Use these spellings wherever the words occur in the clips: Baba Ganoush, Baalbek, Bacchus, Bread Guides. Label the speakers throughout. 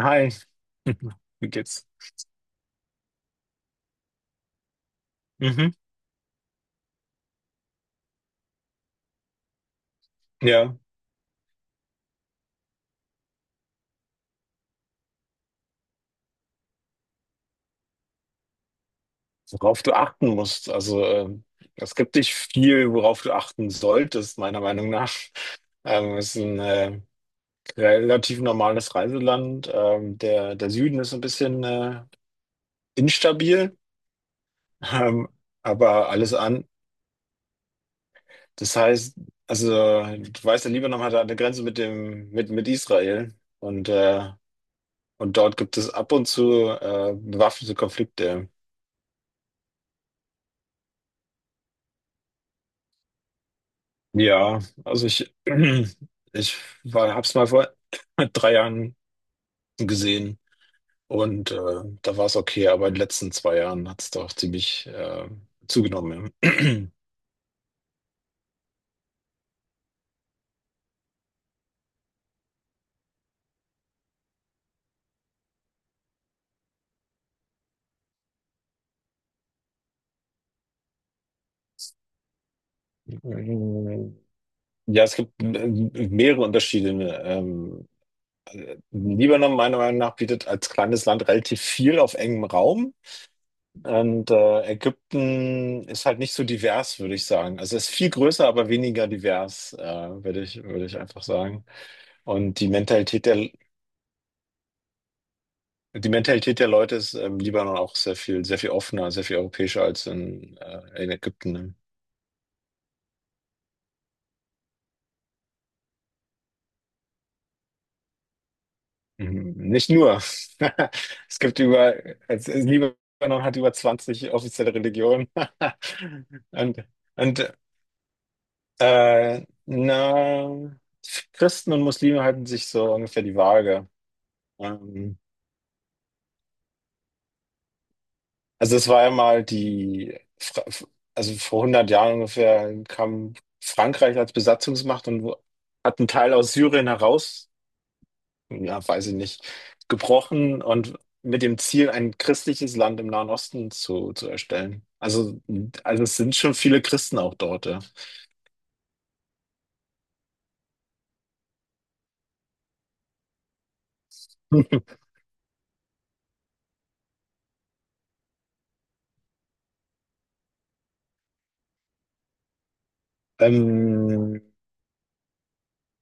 Speaker 1: Hi, wie geht's? Mhm. Ja, worauf du achten musst. Also, es gibt nicht viel, worauf du achten solltest, meiner Meinung nach. Es ist ein relativ normales Reiseland. Der Süden ist ein bisschen instabil, ähm, aber alles an. Das heißt, also, du weißt, der Libanon hat eine Grenze mit Israel und dort gibt es ab und zu bewaffnete Konflikte. Ja, also ich war, hab's mal vor 3 Jahren gesehen und da war es okay, aber in den letzten 2 Jahren hat es doch ziemlich zugenommen. Ja, ja, es gibt mehrere Unterschiede, ne. Libanon, meiner Meinung nach, bietet als kleines Land relativ viel auf engem Raum. Und Ägypten ist halt nicht so divers, würde ich sagen. Also es ist viel größer, aber weniger divers, würde ich einfach sagen. Und die Mentalität der Leute ist im Libanon auch sehr viel offener, sehr viel europäischer als in Ägypten. Ne? Mhm. Nicht nur. Es gibt über, es, Libanon hat über 20 offizielle Religionen. Und, und äh, na, Christen und Muslime halten sich so ungefähr die Waage. Ähm, Also es war ja mal also vor 100 Jahren ungefähr kam Frankreich als Besatzungsmacht und hat einen Teil aus Syrien heraus, ja, weiß ich nicht, gebrochen und mit dem Ziel, ein christliches Land im Nahen Osten zu erstellen. Also es sind schon viele Christen auch dort, ja. Ähm,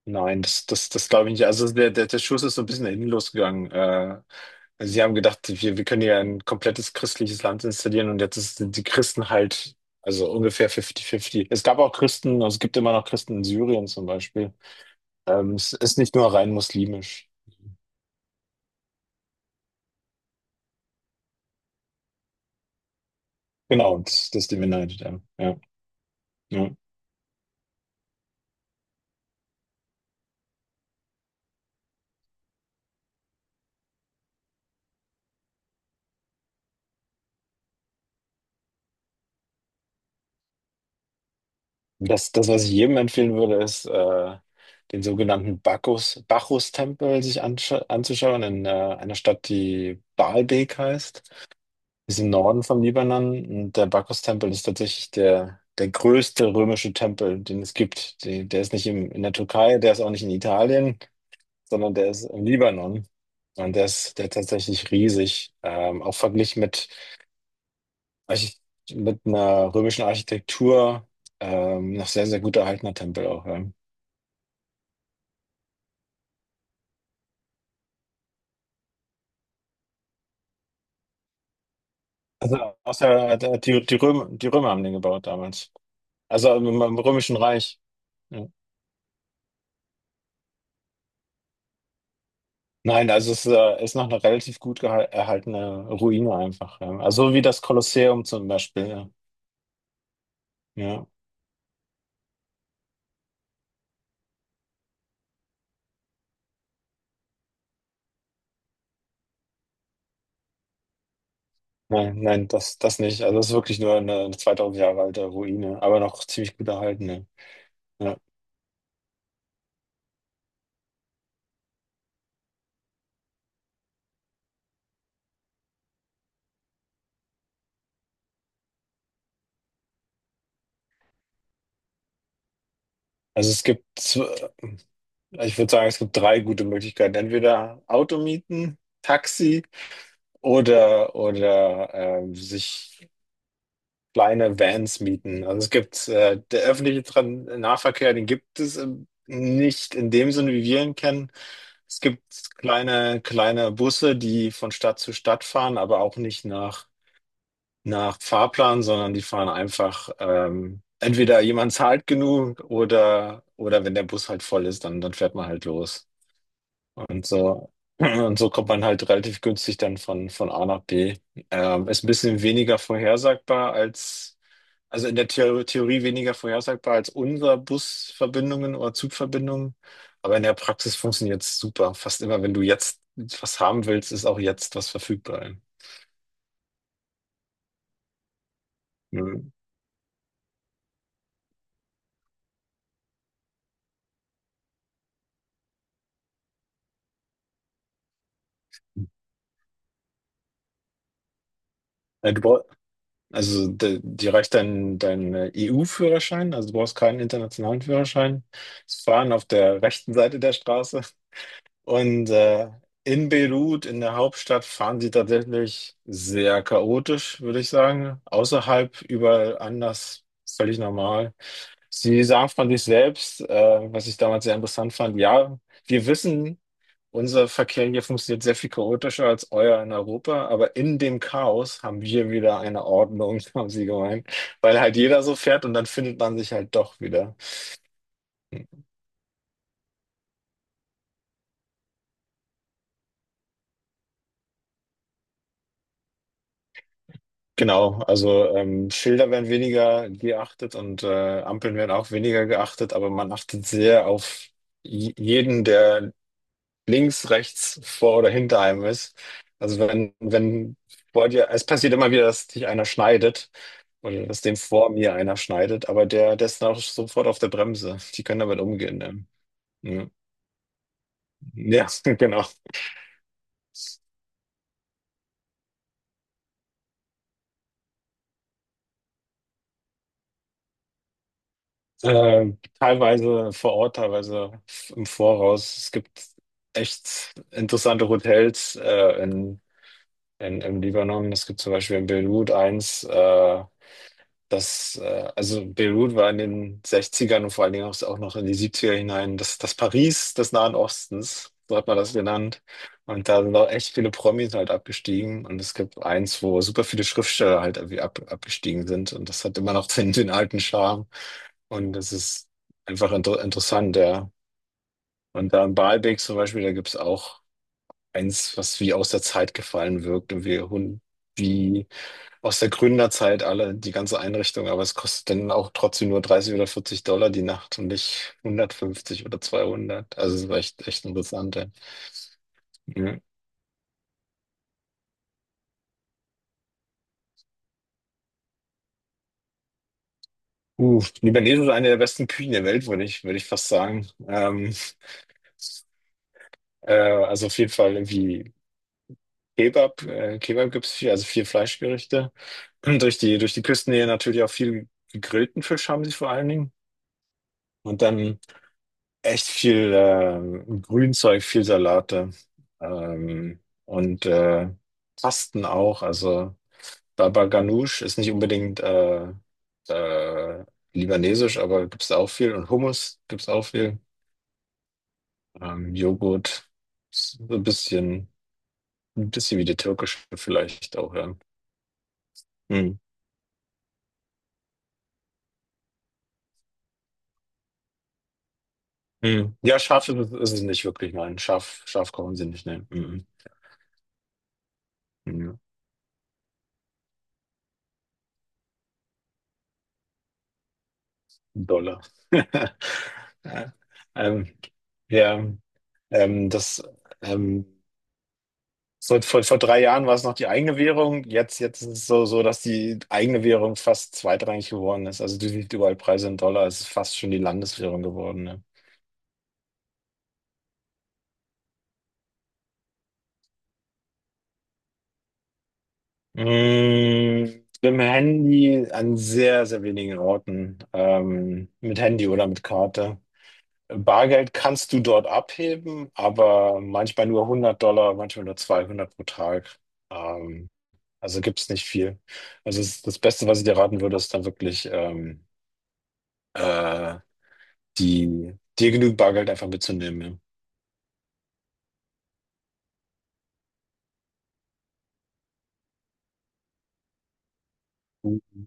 Speaker 1: nein, das glaube ich nicht. Also der Schuss ist so ein bisschen nach hinten losgegangen. Also sie haben gedacht, wir können hier ein komplettes christliches Land installieren und jetzt ist, sind die Christen halt, also ungefähr 50-50. Es gab auch Christen, also es gibt immer noch Christen in Syrien zum Beispiel. Es ist nicht nur rein muslimisch. Genau, das ist die Minderheit. Ja, ja. Ja. Das, was ich jedem empfehlen würde, ist, den sogenannten Bacchus-Tempel sich anzuschauen in einer Stadt, die Baalbek heißt. Ist im Norden vom Libanon, und der Bacchus-Tempel ist tatsächlich der größte römische Tempel, den es gibt. Der ist nicht in der Türkei, der ist auch nicht in Italien, sondern der ist im Libanon. Und der ist tatsächlich riesig, auch verglichen mit, Archit- mit einer römischen Architektur, noch sehr, sehr gut erhaltener Tempel auch. Ja. Also außer, die Römer haben den gebaut damals. Also im Römischen Reich. Ja. Nein, also es ist noch eine relativ erhaltene Ruine einfach. Ja. Also wie das Kolosseum zum Beispiel. Ja. Ja. Nein, nein, das nicht. Also es ist wirklich nur eine 2000 Jahre alte Ruine, aber noch ziemlich gut erhalten. Ja. Ja. Also ich würde sagen, es gibt drei gute Möglichkeiten. Entweder Auto mieten, Taxi oder sich kleine Vans mieten. Also es gibt der öffentliche Tran Nahverkehr, den gibt es nicht in dem Sinne, wie wir ihn kennen. Es gibt kleine Busse, die von Stadt zu Stadt fahren, aber auch nicht nach Fahrplan, sondern die fahren einfach, entweder jemand zahlt genug oder wenn der Bus halt voll ist, dann fährt man halt los. Und so, und so kommt man halt relativ günstig dann von A nach B. Ist ein bisschen weniger vorhersagbar als, also, in der Theorie weniger vorhersagbar als unsere Busverbindungen oder Zugverbindungen. Aber in der Praxis funktioniert es super. Fast immer, wenn du jetzt was haben willst, ist auch jetzt was verfügbar. Mhm. Ja, Du brauch, also de- dir reicht dein EU-Führerschein, also du brauchst keinen internationalen Führerschein. Das Fahren auf der rechten Seite der Straße. Und in Beirut, in der Hauptstadt, fahren sie tatsächlich sehr chaotisch, würde ich sagen. Außerhalb, überall anders, völlig normal. Sie sagen von sich selbst, was ich damals sehr interessant fand, ja, wir wissen, unser Verkehr hier funktioniert sehr viel chaotischer als euer in Europa, aber in dem Chaos haben wir wieder eine Ordnung, haben sie gemeint, weil halt jeder so fährt und dann findet man sich halt doch wieder. Genau, also Schilder werden weniger geachtet und Ampeln werden auch weniger geachtet, aber man achtet sehr auf jeden, der links, rechts, vor oder hinter einem ist. Also wenn vor dir, es passiert immer wieder, dass dich einer schneidet oder dass dem vor mir einer schneidet, aber der ist dann auch sofort auf der Bremse. Die können damit umgehen. Ne? Ja, ja, genau. Äh, teilweise vor Ort, teilweise im Voraus. Es gibt echt interessante Hotels im Libanon. Es gibt zum Beispiel in Beirut eins. Also Beirut war in den Sechzigern und vor allen Dingen auch noch in die Siebziger hinein das Paris des Nahen Ostens, so hat man das genannt. Und da sind auch echt viele Promis halt abgestiegen. Und es gibt eins, wo super viele Schriftsteller halt irgendwie abgestiegen sind. Und das hat immer noch den alten Charme. Und das ist einfach interessant, ja. Und da in Baalbek zum Beispiel, da gibt's auch eins, was wie aus der Zeit gefallen wirkt und wie aus der Gründerzeit, alle, die ganze Einrichtung, aber es kostet dann auch trotzdem nur 30 oder $40 die Nacht und nicht 150 oder 200. Also es war echt, echt interessant. Ja. Ja. Libanesen ist eine der besten Küchen der Welt, würde ich fast sagen. Also auf jeden Fall irgendwie Kebab gibt es viel, also viel Fleischgerichte. Durch die Küstennähe natürlich auch viel gegrillten Fisch haben sie vor allen Dingen. Und dann echt viel Grünzeug, viel Salate ähm, und äh, Pasten auch. Also Baba Ganoush ist nicht unbedingt äh, libanesisch, aber gibt's da auch viel. Und Hummus gibt's auch viel. Joghurt, so ein bisschen wie die türkische vielleicht auch, ja. Hm. Hm. Ja, ist es nicht wirklich, nein. Scharf kochen sie nicht, ne? Mhm. Ja. Dollar. Ja. Ähm, ja. Das ähm, so, vor 3 Jahren war es noch die eigene Währung. Jetzt ist es dass die eigene Währung fast zweitrangig geworden ist. Also du siehst überall Preise in Dollar. Es ist fast schon die Landeswährung geworden. Ne? Mm, mit dem Handy an sehr wenigen Orten. Mit Handy oder mit Karte. Bargeld kannst du dort abheben, aber manchmal nur $100, manchmal nur 200 pro Tag. Ähm, Also gibt es nicht viel. Also es, das Beste, was ich dir raten würde, ist dann wirklich, äh, die, dir genügend Bargeld einfach mitzunehmen. Ja.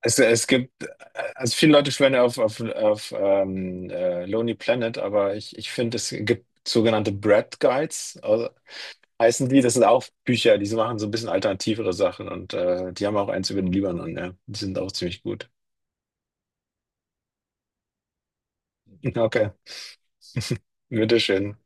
Speaker 1: Es gibt, also viele Leute schwören ja auf Lonely Planet, aber ich finde, es gibt sogenannte Bread Guides, also, heißen die. Das sind auch Bücher, die machen so ein bisschen alternativere Sachen und die haben auch eins über den Libanon, ja. Die sind auch ziemlich gut. Okay, bitteschön.